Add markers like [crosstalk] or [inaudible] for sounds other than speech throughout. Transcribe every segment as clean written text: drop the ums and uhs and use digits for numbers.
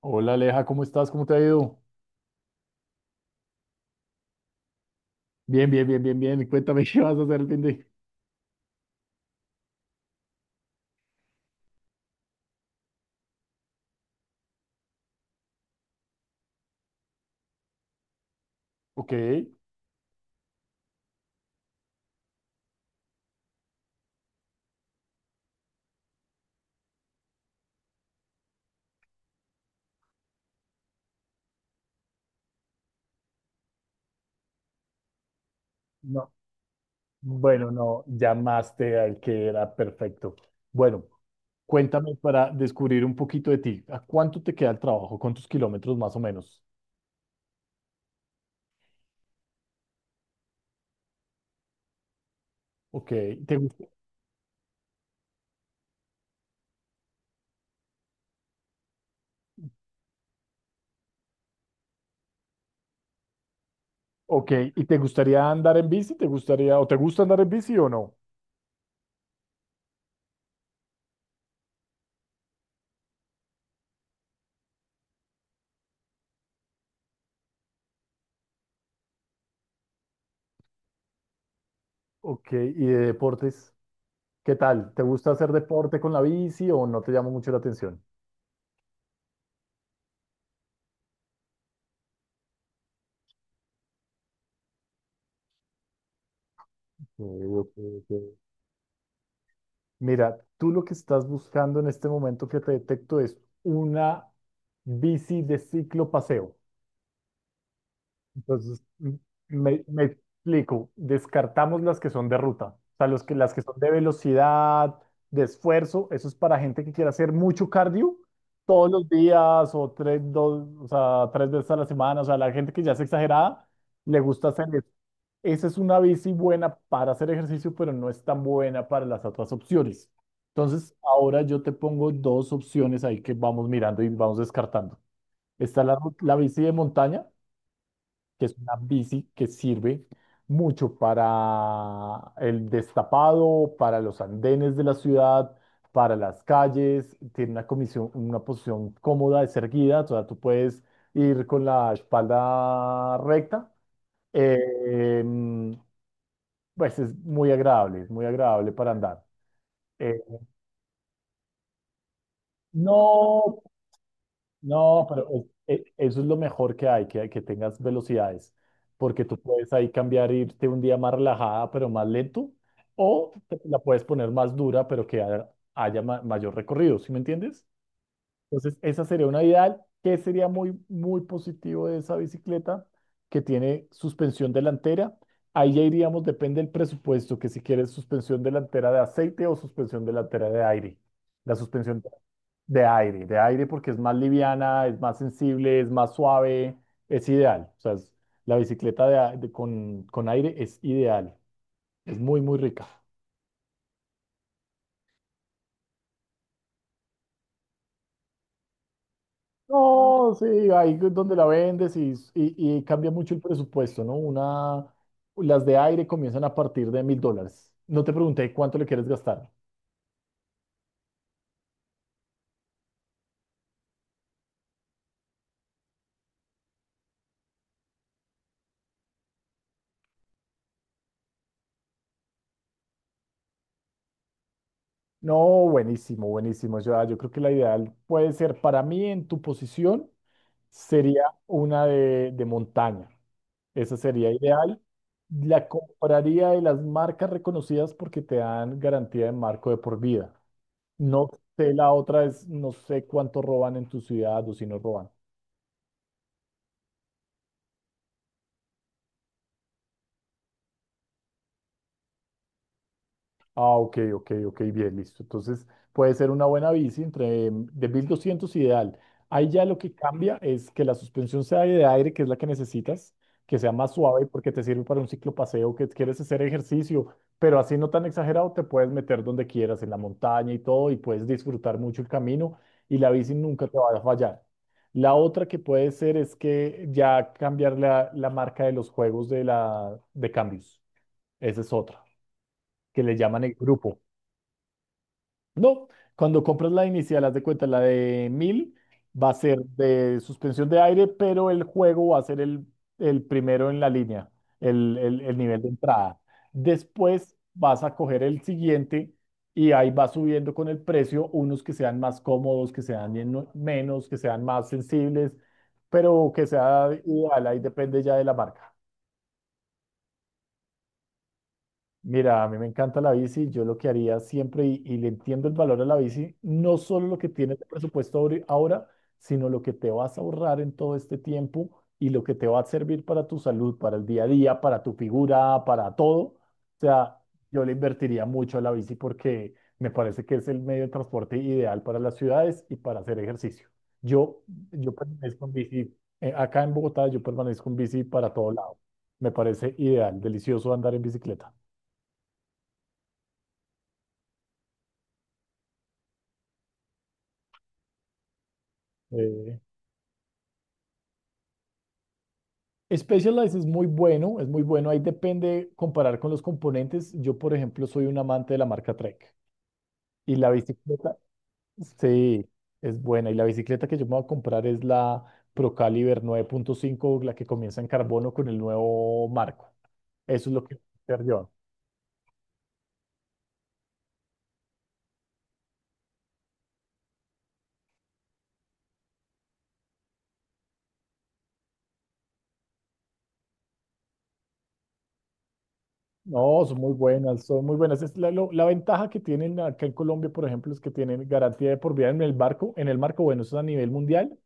Hola Aleja, ¿cómo estás? ¿Cómo te ha ido? Bien, bien, bien, bien, bien. Cuéntame [laughs] qué vas a hacer el fin de... Ok. No, bueno, no, llamaste al que era perfecto. Bueno, cuéntame para descubrir un poquito de ti. ¿A cuánto te queda el trabajo? ¿Cuántos kilómetros más o menos? Ok, ¿te, gust- ok, ¿y te gustaría andar en bici? ¿Te gustaría o te gusta andar en bici o no? Ok, ¿y de deportes? ¿Qué tal? ¿Te gusta hacer deporte con la bici o no te llama mucho la atención? Ok, ok, ok. Mira, tú lo que estás buscando en este momento que te detecto es una bici de ciclo paseo. Entonces, me explico, descartamos las que son de ruta, o sea, las que son de velocidad, de esfuerzo, eso es para gente que quiera hacer mucho cardio todos los días o tres veces a la semana, o sea, la gente que ya es exagerada, le gusta hacer esa es una bici buena para hacer ejercicio, pero no es tan buena para las otras opciones. Entonces, ahora yo te pongo dos opciones ahí que vamos mirando y vamos descartando. Está la bici de montaña, que es una bici que sirve mucho para el destapado, para los andenes de la ciudad, para las calles. Tiene una comisión, una posición cómoda, es erguida, o sea, tú puedes ir con la espalda recta. Eh, pues es muy agradable para andar. Eh, no, no, pero es- e- eso es lo mejor que hay, que tengas velocidades, porque tú puedes ahí cambiar, irte un día más relajada, pero más lento, o te la puedes poner más dura, pero que haya, mayor recorrido, ¿sí me entiendes? Entonces, esa sería una ideal. ¿Qué sería muy, muy positivo de esa bicicleta? Que tiene suspensión delantera. Ahí ya iríamos, depende del presupuesto, que si quieres suspensión delantera de aceite o suspensión delantera de aire. La suspensión de aire porque es más liviana, es más sensible, es más suave, es ideal. La bicicleta con aire es ideal, es muy, muy rica. No, sí, ahí es donde la vendes y cambia mucho el presupuesto, ¿no? Una, las de aire comienzan a partir de $1000. No te pregunté cuánto le quieres gastar. No, buenísimo, buenísimo. Yo creo que la ideal puede ser, para mí en tu posición, sería una de montaña. Esa sería ideal. La compraría de las marcas reconocidas porque te dan garantía de marco de por vida. No sé, la otra es, no sé cuánto roban en tu ciudad o si no roban. Ah, ok, ok, ok, bien, listo. Entonces puede ser una buena bici entre de 1200 ideal. Ahí ya lo que cambia es que la suspensión sea de aire, que es la que necesitas, que sea más suave porque te sirve para un ciclopaseo, que quieres hacer ejercicio, pero así no tan exagerado, te puedes meter donde quieras, en la montaña y todo, y puedes disfrutar mucho el camino y la bici nunca te va a fallar. La otra que puede ser es que ya cambiar la marca de los juegos de, la, de cambios. Esa es otra, que le llaman el grupo. No, cuando compras la inicial, haz de cuenta, la de 1000 va a ser de suspensión de aire, pero el juego va a ser el primero en la línea, el nivel de entrada. Después vas a coger el siguiente y ahí va subiendo con el precio, unos que sean más cómodos, que sean menos, que sean más sensibles, pero que sea ideal, ahí depende ya de la marca. Mira, a mí me encanta la bici, yo lo que haría siempre, y le entiendo el valor a la bici, no solo lo que tienes de presupuesto ahora, sino lo que te vas a ahorrar en todo este tiempo y lo que te va a servir para tu salud, para el día a día, para tu figura, para todo. O sea, yo le invertiría mucho a la bici porque me parece que es el medio de transporte ideal para las ciudades y para hacer ejercicio. Yo, yo permanezco en bici, acá en Bogotá yo permanezco en bici para todo lado. Me parece ideal, delicioso andar en bicicleta. Eh, Specialized es muy bueno, es muy bueno. Ahí depende comparar con los componentes. Yo, por ejemplo, soy un amante de la marca Trek. Y la bicicleta, sí, es buena. Y la bicicleta que yo me voy a comprar es la Procaliber nueve punto cinco, la que comienza en carbono con el nuevo marco. Eso es lo que voy a hacer yo. No, son muy buenas, son muy buenas. Es la ventaja que tienen acá en Colombia, por ejemplo, es que tienen garantía de por vida en el barco, en el marco, bueno, eso es a nivel mundial.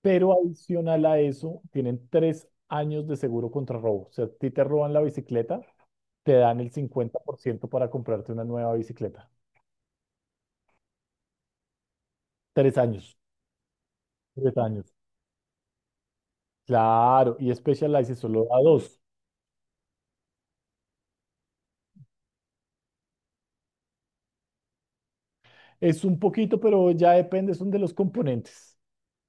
Pero adicional a eso, tienen 3 años de seguro contra robo. O sea, a ti te roban la bicicleta, te dan el 50% para comprarte una nueva bicicleta. 3 años. Tres años. Claro, y Specialized solo da dos. Es un poquito, pero ya depende, son de los componentes.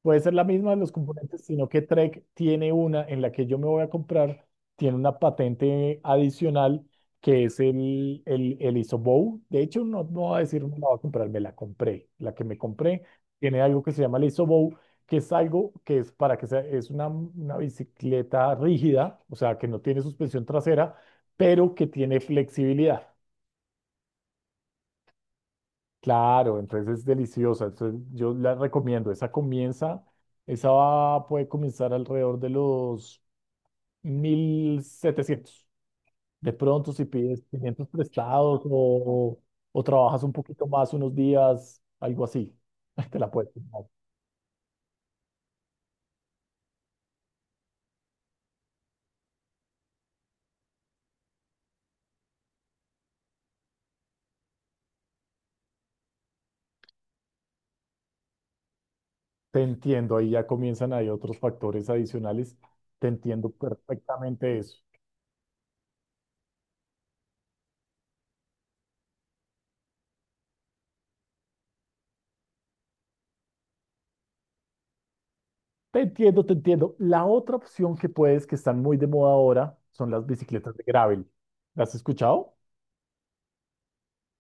Puede ser la misma de los componentes, sino que Trek tiene una en la que yo me voy a comprar, tiene una patente adicional que es el ISOBOW. De hecho, no, no voy a decir me la voy a comprar, me la compré. La que me compré tiene algo que se llama el ISOBOW, que es algo que es para que sea, es una bicicleta rígida, o sea, que no tiene suspensión trasera, pero que tiene flexibilidad. Claro, entonces es deliciosa. Entonces yo la recomiendo. Esa comienza, puede comenzar alrededor de los 1700. De pronto, si pides 500 prestados o trabajas un poquito más unos días, algo así, [laughs] te la puedes comprar. Te entiendo, ahí ya comienzan ahí otros factores adicionales. Te entiendo perfectamente eso. Te entiendo, te entiendo. La otra opción que puedes, que están muy de moda ahora, son las bicicletas de gravel. ¿Las has escuchado?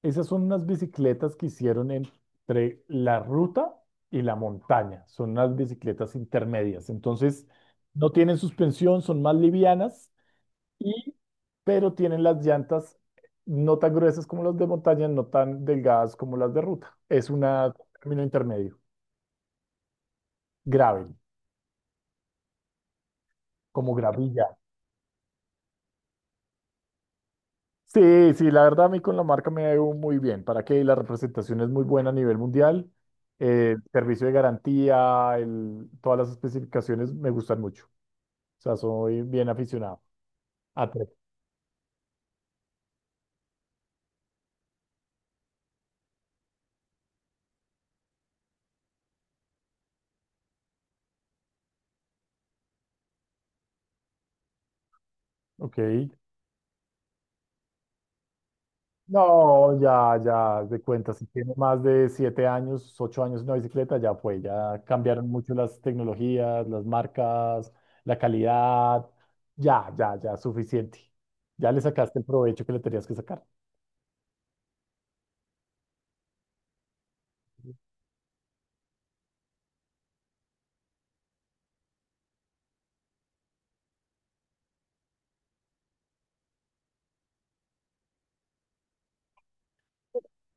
Esas son unas bicicletas que hicieron entre la ruta y la montaña. Son unas bicicletas intermedias. Entonces, no tienen suspensión, son más livianas, pero tienen las llantas no tan gruesas como las de montaña, no tan delgadas como las de ruta. Es un término intermedio. Gravel, como gravilla. Sí, sí, la verdad a mí con la marca me ha ido muy bien. ¿Para qué? La representación es muy buena a nivel mundial. Servicio de garantía, todas las especificaciones me gustan mucho. O sea, soy bien aficionado. A tres. Ok. No, ya, ya, haz de cuenta, si tiene más de 7 años, 8 años una bicicleta, ya fue, ya cambiaron mucho las tecnologías, las marcas, la calidad, ya, ya, ya, suficiente. Ya le sacaste el provecho que le tenías que sacar.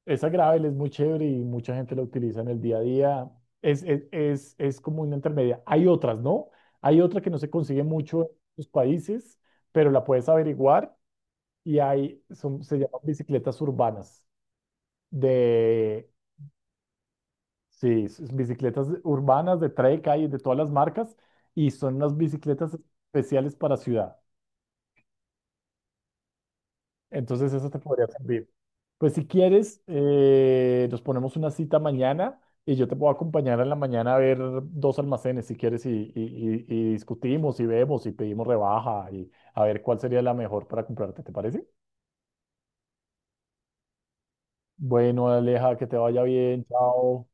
Esa gravel es muy chévere y mucha gente la utiliza en el día a día. Es como una intermedia. Hay otras, ¿no? Hay otra que no se consigue mucho en los países, pero la puedes averiguar y hay, son, se llaman bicicletas urbanas, de, sí, bicicletas urbanas de Trek, hay de todas las marcas, y son unas bicicletas especiales para ciudad. Entonces, eso te podría servir. Pues si quieres, nos ponemos una cita mañana y yo te puedo acompañar en la mañana a ver dos almacenes si quieres y discutimos y vemos y pedimos rebaja y a ver cuál sería la mejor para comprarte, ¿te parece? Bueno, Aleja, que te vaya bien, chao.